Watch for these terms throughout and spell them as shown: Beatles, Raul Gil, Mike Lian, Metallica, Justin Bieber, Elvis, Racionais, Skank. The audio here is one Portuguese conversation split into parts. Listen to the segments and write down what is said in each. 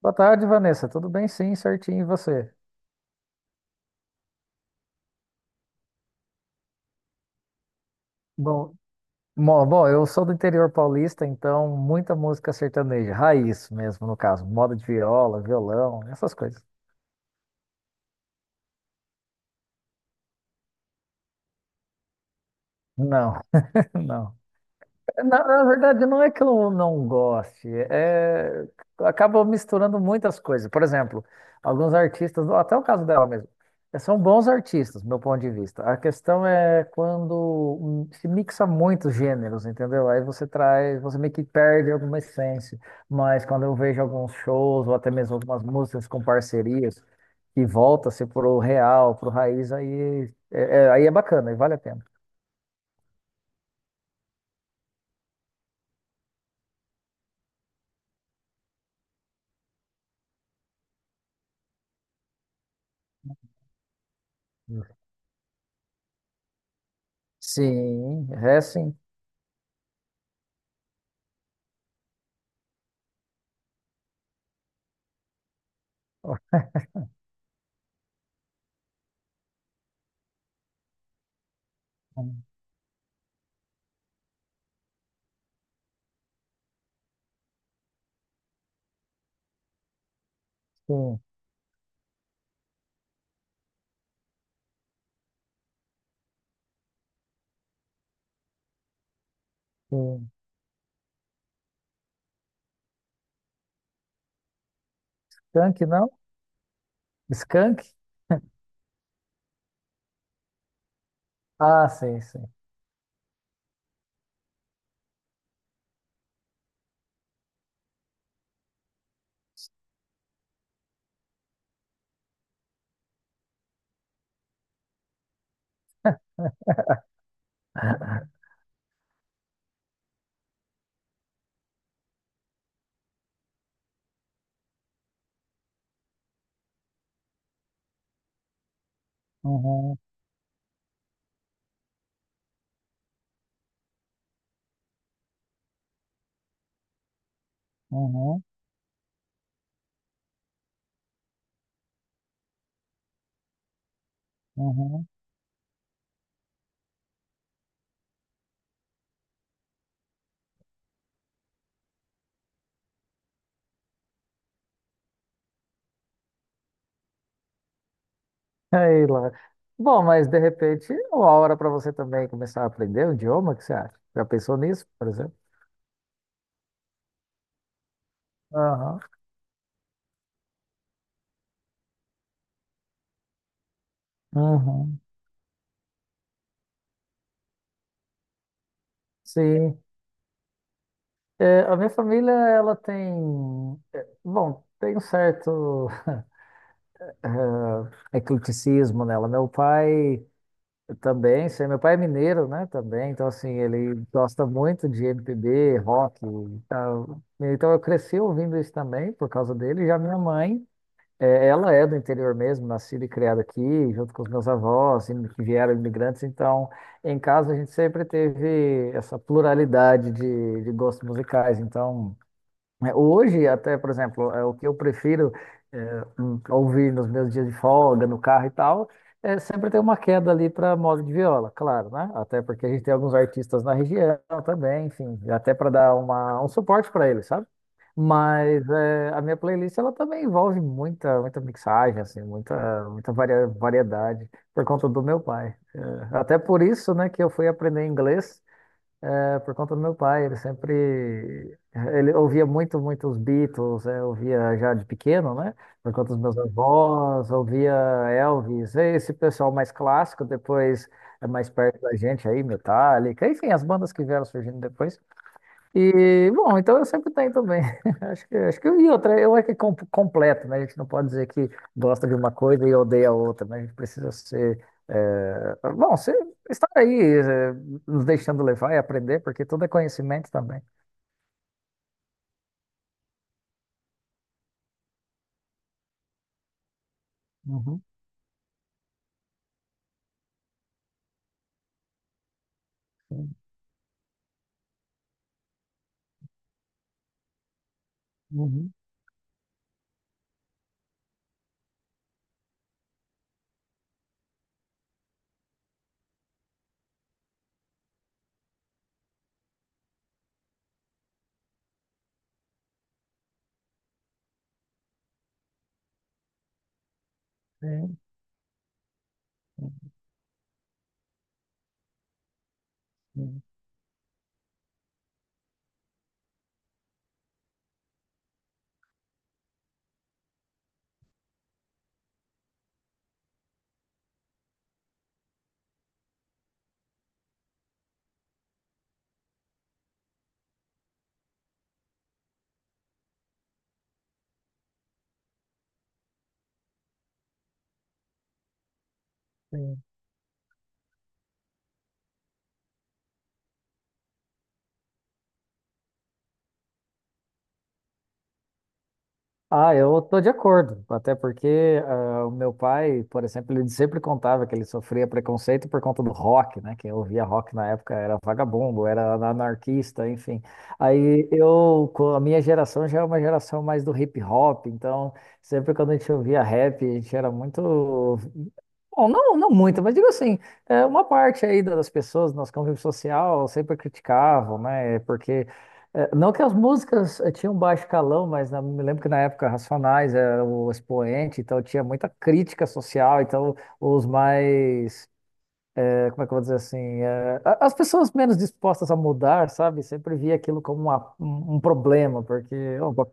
Boa tarde, Vanessa. Tudo bem? Sim, certinho. E você? Bom, bom, eu sou do interior paulista, então muita música sertaneja, raiz mesmo, no caso, moda de viola, violão, essas coisas. Não, não. Na verdade, não é que eu não goste, acaba misturando muitas coisas. Por exemplo, alguns artistas, até o caso dela mesmo, são bons artistas, do meu ponto de vista. A questão é quando se mixa muitos gêneros, entendeu? Aí você traz, você meio que perde alguma essência. Mas quando eu vejo alguns shows, ou até mesmo algumas músicas com parcerias, que volta-se pro real, pro raiz, aí é bacana, e vale a pena. Sim, é sim. Sim, sim. Skank não? Skank? Ah, sei, sei. Uhum, uhum, uhum. Aí lá. Bom, mas de repente, é uma hora para você também começar a aprender o idioma, o que você acha? Já pensou nisso, por exemplo? Aham. Uhum. Sim. É, a minha família, ela tem. Bom, tem um certo ecleticismo nela. Meu pai. Eu também, sei, meu pai é mineiro, né, também, então assim, ele gosta muito de MPB, rock, e tal. Então eu cresci ouvindo isso também por causa dele, já minha mãe, ela é do interior mesmo, nascida e criada aqui, junto com os meus avós, que vieram imigrantes, então em casa a gente sempre teve essa pluralidade de gostos musicais, então... É, hoje, até, por exemplo, é, o que eu prefiro ouvir nos meus dias de folga, no carro e tal, é sempre ter uma queda ali para moda de viola, claro, né? Até porque a gente tem alguns artistas na região também, enfim, até para dar uma, um suporte para eles, sabe? Mas é, a minha playlist ela também envolve muita, muita mixagem, assim, muita, variedade por conta do meu pai. Até por isso, né, que eu fui aprender inglês é, por conta do meu pai, ele ouvia muito, muito os Beatles, é, ouvia já de pequeno, né? Por conta dos meus avós, ouvia Elvis, é, esse pessoal mais clássico, depois é mais perto da gente aí, Metallica, enfim, as bandas que vieram surgindo depois. E, bom, então eu sempre tenho também. Acho que e outra, eu é que com- completo, né? A gente não pode dizer que gosta de uma coisa e odeia a outra, né? A gente precisa ser, ser, estar aí, nos deixando levar e aprender, porque tudo é conhecimento também. Uhum, sim, uhum, sim, sim, sim. Ah, eu tô de acordo, até porque ah, o meu pai, por exemplo, ele sempre contava que ele sofria preconceito por conta do rock, né? Quem ouvia rock na época era vagabundo, era anarquista, enfim. Aí eu, com a minha geração já é uma geração mais do hip hop, então sempre quando a gente ouvia rap, a gente era muito bom, não, não muito, mas digo assim, é, uma parte aí das pessoas do nosso convívio social sempre criticavam, né? Porque é, não que as músicas tinham baixo calão, mas me lembro que na época Racionais era o expoente, então tinha muita crítica social, então os mais, eh, como é que eu vou dizer assim, eh, as pessoas menos dispostas a mudar, sabe, sempre via aquilo como um problema, porque ó,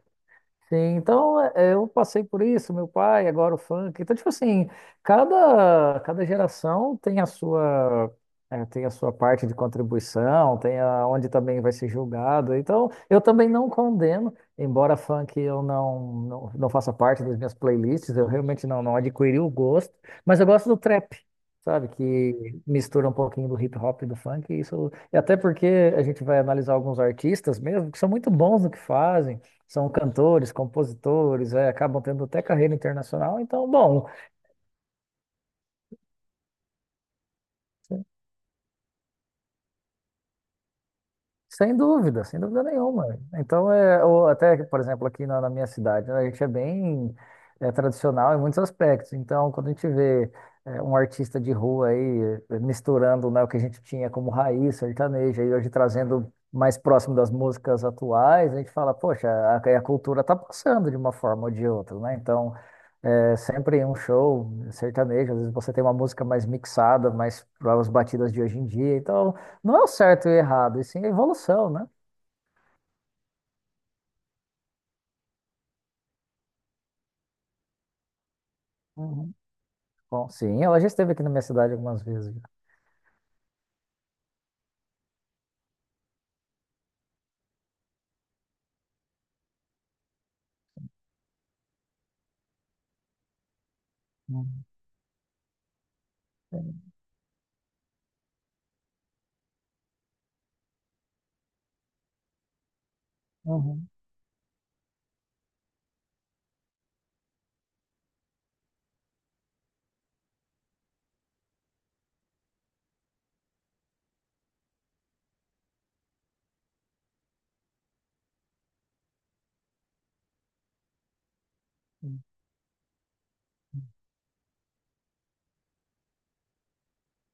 sim, então eh, eu passei por isso, meu pai, agora o funk. Então, tipo assim, cada geração tem a sua, eh, tem a sua parte de contribuição, tem a, onde também vai ser julgado. Então, eu também não condeno, embora funk eu não, não, não faça parte das minhas playlists, eu realmente não, não adquiri o gosto, mas eu gosto do trap. Sabe, que mistura um pouquinho do hip hop e do funk, e isso, e até porque a gente vai analisar alguns artistas mesmo, que são muito bons no que fazem, são cantores, compositores, é, acabam tendo até carreira internacional. Então, bom, sem dúvida, sem dúvida nenhuma. Então, é, ou até, por exemplo, aqui na minha cidade, né, a gente é bem é, tradicional em muitos aspectos. Então, quando a gente vê é, um artista de rua aí eh, misturando, né, o que a gente tinha como raiz sertaneja e hoje trazendo mais próximo das músicas atuais, a gente fala, poxa, a cultura está passando de uma forma ou de outra, né? Então, é sempre em um show sertanejo, às vezes você tem uma música mais mixada, mais para as batidas de hoje em dia. Então, não é o certo e o errado, e sim a evolução, né? Uhum, bom, sim, ela já esteve aqui na minha cidade algumas vezes. Uhum, uhum, uhum,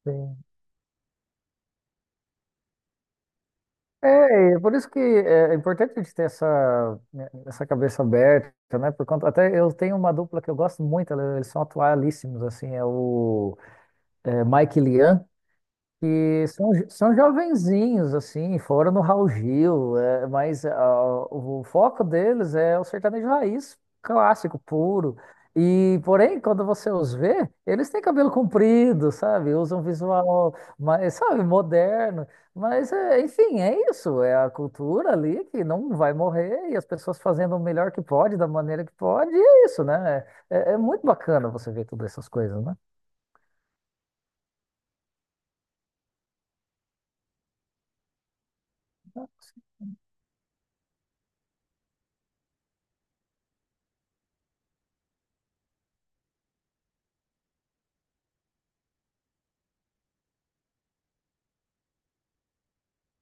sim. É, e é por isso que é importante a gente ter essa, é, essa cabeça aberta, né? Por conta, até eu tenho uma dupla que eu gosto muito, eles são atualíssimos, assim, é o é, Mike Lian e são, são jovenzinhos, assim, foram no Raul Gil, é, mas ah, o foco deles é o sertanejo raiz, clássico, puro. E, porém, quando você os vê, eles têm cabelo comprido, sabe? Usam visual mais, sabe, moderno. Mas, é, enfim, é isso. É a cultura ali que não vai morrer e as pessoas fazendo o melhor que pode, da maneira que pode, e é isso, né? É, é muito bacana você ver todas essas coisas, né?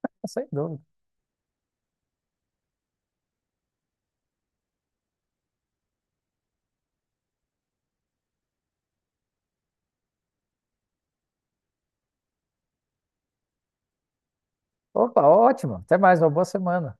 Ah, sem dúvida. Opa, ótimo. Até mais, uma boa semana.